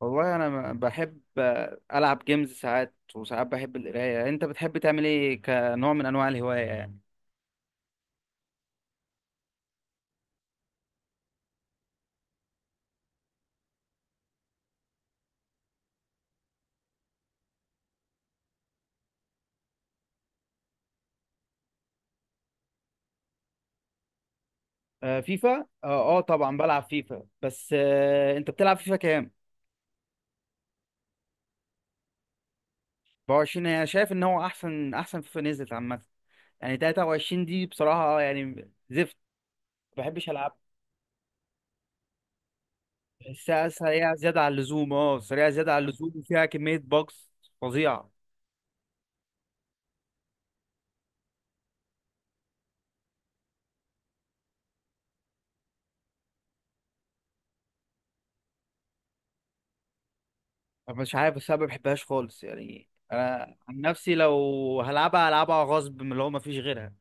والله انا بحب العب جيمز ساعات وساعات، بحب القرايه. انت بتحب تعمل ايه كنوع من انواع الهوايه يعني؟ آه فيفا آه طبعا بلعب فيفا، بس انت بتلعب فيفا كام؟ 24 انا شايف ان هو احسن فيفا نزلت عامه. يعني 23 دي بصراحه يعني زفت، ما بحبش العب. بحسها سريعه زياده عن اللزوم، اه سريعه زياده عن اللزوم، وفيها كميه باجز فظيعه. أنا مش عارف بس انا ما بحبهاش خالص، يعني انا عن نفسي لو هلعبها هلعبها غصب من اللي هو ما فيش غيرها.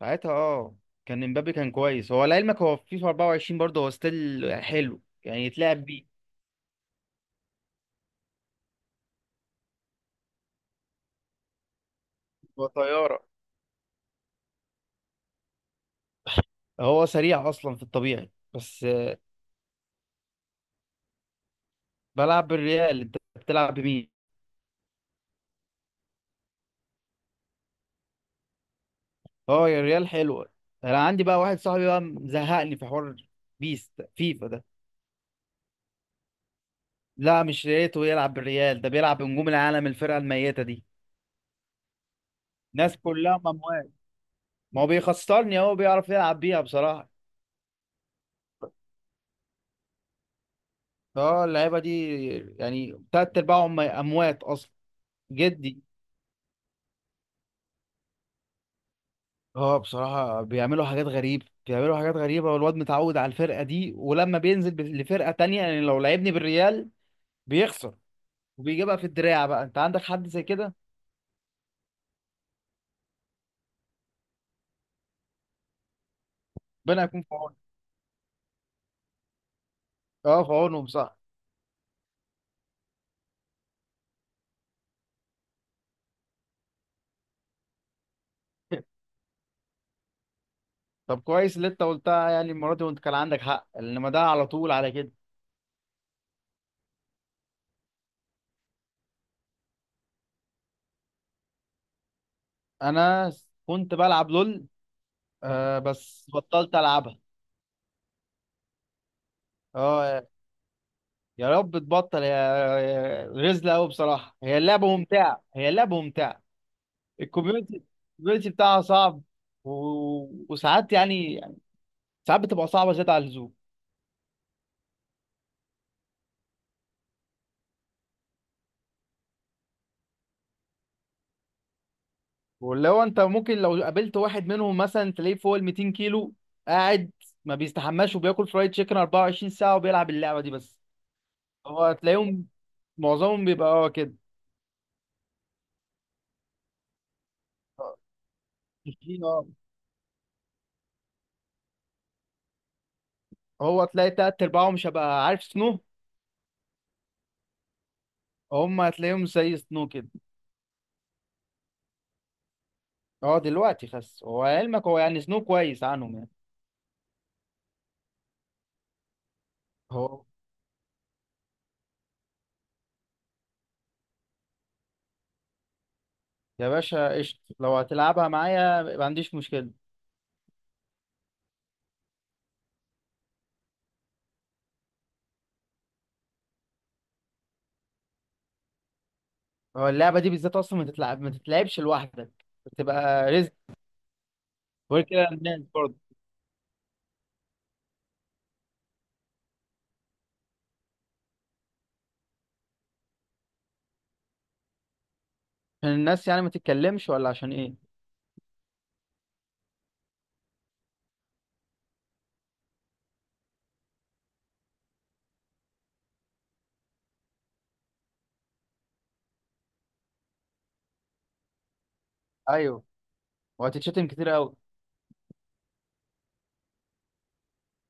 ساعتها اه كان امبابي كان كويس، هو لعلمك هو في فيفا 24 برضه هو ستيل حلو يعني يتلعب بيه. هو طيارة، هو سريع اصلا في الطبيعي بس بلعب بالريال، انت بتلعب بمين؟ اه يا الريال حلوة. انا عندي بقى واحد صاحبي بقى مزهقني في حوار بيست فيفا ده. لا مش ريته يلعب بالريال، ده بيلعب بنجوم العالم الفرقة الميتة دي. ناس كلها مموات، ما هو بيخسرني، هو بيعرف يلعب بيها بصراحة. اه اللعيبة دي يعني تلات ارباعهم اموات اصلا. جدي. اه بصراحة بيعملوا حاجات غريبة بيعملوا حاجات غريبة، والواد متعود على الفرقة دي، ولما بينزل لفرقة تانية يعني لو لعبني بالريال بيخسر. وبيجيبها في الدراع. بقى انت عندك حد زي كده؟ ربنا يكون في عونه. اه في عونهم، صح. طب كويس اللي انت قلتها يعني المرة دي وانت كان عندك حق، انما ده على طول على كده. انا كنت بلعب لول، آه بس بطلت العبها. اه يا رب تبطل غزلة قوي بصراحة، هي اللعبة ممتعة هي اللعبة ممتعة. الكوميونتي الكوميونتي بتاعها صعب، و... وساعات يعني ساعات بتبقى صعبه زياده على اللزوم. واللي هو انت ممكن لو قابلت واحد منهم مثلا تلاقيه فوق ال 200 كيلو قاعد، ما بيستحماش وبياكل فرايد تشيكن 24 ساعه وبيلعب اللعبه دي بس. هو تلاقيهم معظمهم بيبقى اه كده. تخين، اه. هو تلاقي تلات ارباعهم، مش هبقى عارف سنو. هم هتلاقيهم زي سنو كده. اه دلوقتي خس، هو علمك هو يعني سنو كويس عنهم يعني. هو يا باشا قشط لو هتلعبها معايا ما عنديش مشكله. هو اللعبة دي بالذات أصلا ما تتلعبش لوحدك، بتبقى رزق. غير كده الناس برضه، عشان الناس يعني ما تتكلمش، ولا عشان إيه. أيوه، وهتتشتم كتير قوي.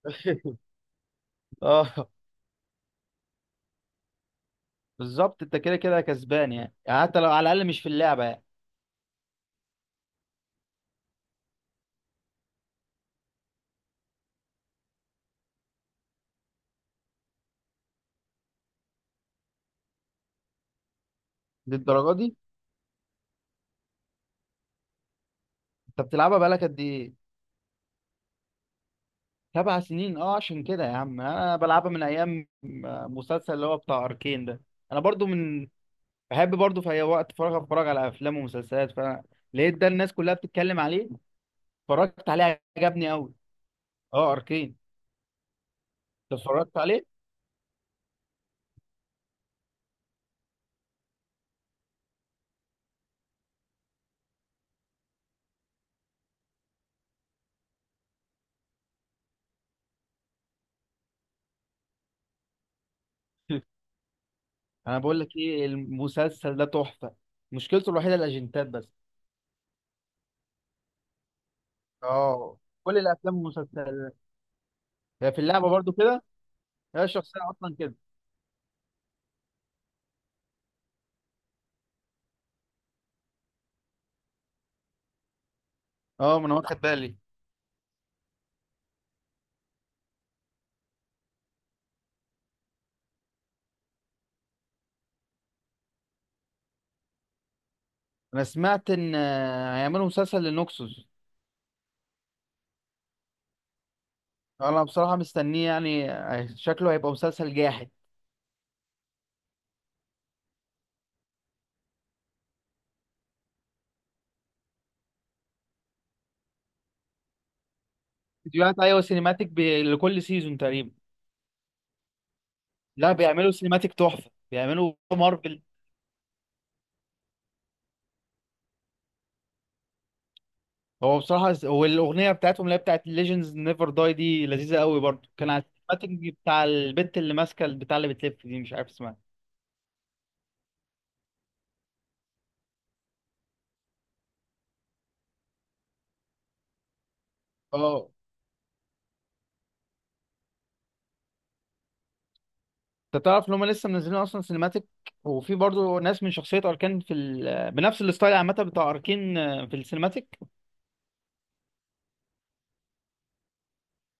اه بالظبط أنت كده كده كسبان، يعني. يعني حتى لو على الأقل مش في اللعبة يعني. للدرجة دي أنت بتلعبها بقالك قد إيه؟ سبع سنين، أه عشان كده يا عم أنا بلعبها من أيام مسلسل اللي هو بتاع أركين ده. أنا برضو من بحب برضو في أي وقت فراغ أتفرج على أفلام ومسلسلات، فلقيت ده الناس كلها بتتكلم عليه، اتفرجت عليه عجبني قوي. اه اركين، انت اتفرجت عليه؟ انا بقول لك ايه، المسلسل ده تحفه، مشكلته الوحيده الاجنتات بس. اه كل الافلام والمسلسلات هي في اللعبه برضو كده، هي الشخصيه اصلا كده. اه ما انا واخد بالي. انا سمعت ان هيعملوا مسلسل لنوكسوس. انا بصراحه مستنيه يعني شكله هيبقى مسلسل جاحد. فيديوهات ايوه سينيماتيك، لكل سيزون تقريبا. لا بيعملوا سينيماتيك تحفه، بيعملوا مارفل. هو بصراحة والأغنية بتاعتهم اللي هي بتاعت Legends Never Die دي لذيذة قوي برضو، كان على السينماتيك بتاع البنت اللي ماسكة البتاع اللي بتلف دي، مش عارف اسمها. اه انت تعرف ان هم لسه منزلين اصلا سينماتيك، وفي برضو ناس من شخصية اركان في بنفس الستايل عامة بتاع اركين في السينماتيك.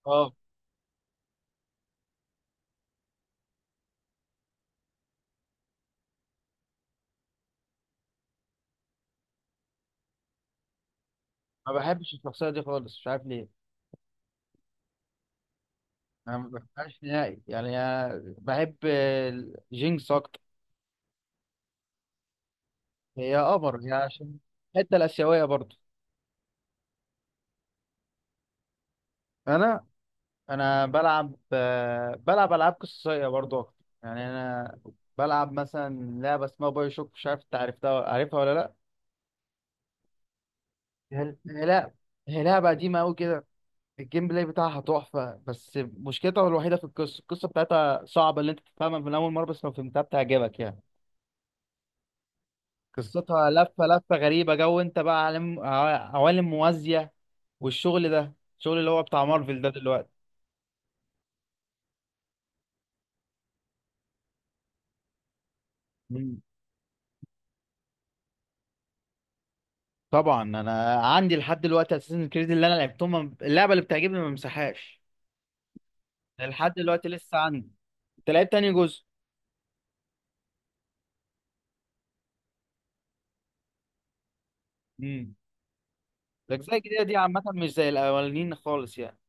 اه ما بحبش الشخصية دي خالص، مش عارف ليه. انا ما بحبهاش نهائي، يعني أنا بحب جينكس اكتر. هي قمر هي عشان الحتة الآسيوية برضو. انا انا بلعب بلعب العاب قصصيه برضو اكتر، يعني انا بلعب مثلا لعبه اسمها باي شوك، مش عارف انت عرفتها عارفها ولا لا. هي هي لا، هي لعبه قديمه قوي كده، الجيم بلاي بتاعها تحفه، بس مشكلتها الوحيده في القصه، بتاعتها صعبه اللي انت تفهمها من اول مره، بس لو فهمتها بتعجبك يعني. قصتها لفه لفه غريبه جو، انت بقى عالم عوالم موازيه، والشغل ده الشغل اللي هو بتاع مارفل ده دلوقتي. طبعا انا عندي لحد دلوقتي اساسن كريد اللي انا لعبتهم، اللعبه اللي بتعجبني ما مسحهاش، لحد دلوقتي لسه عندي. انت لعبت تاني جزء؟ امم الاجزاء الجديده دي عامه مش زي الاولانيين خالص يعني.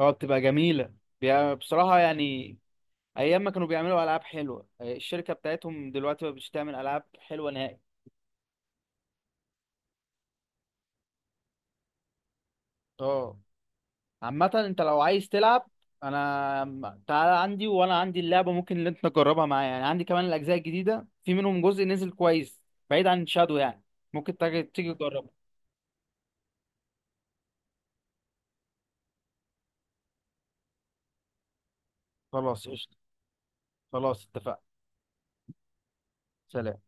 اه بتبقى جميله، بصراحه يعني ايام ما كانوا بيعملوا العاب حلوه، الشركه بتاعتهم دلوقتي ما بتش تعمل العاب حلوه نهائي. اه عامة انت لو عايز تلعب، تعالى عندي وانا عندي اللعبة ممكن اللي انت تجربها معايا، يعني عندي كمان الاجزاء الجديدة، في منهم جزء نزل كويس بعيد عن شادو يعني. ممكن تيجي تجربه. خلاص قشطة، خلاص اتفقنا. سلام.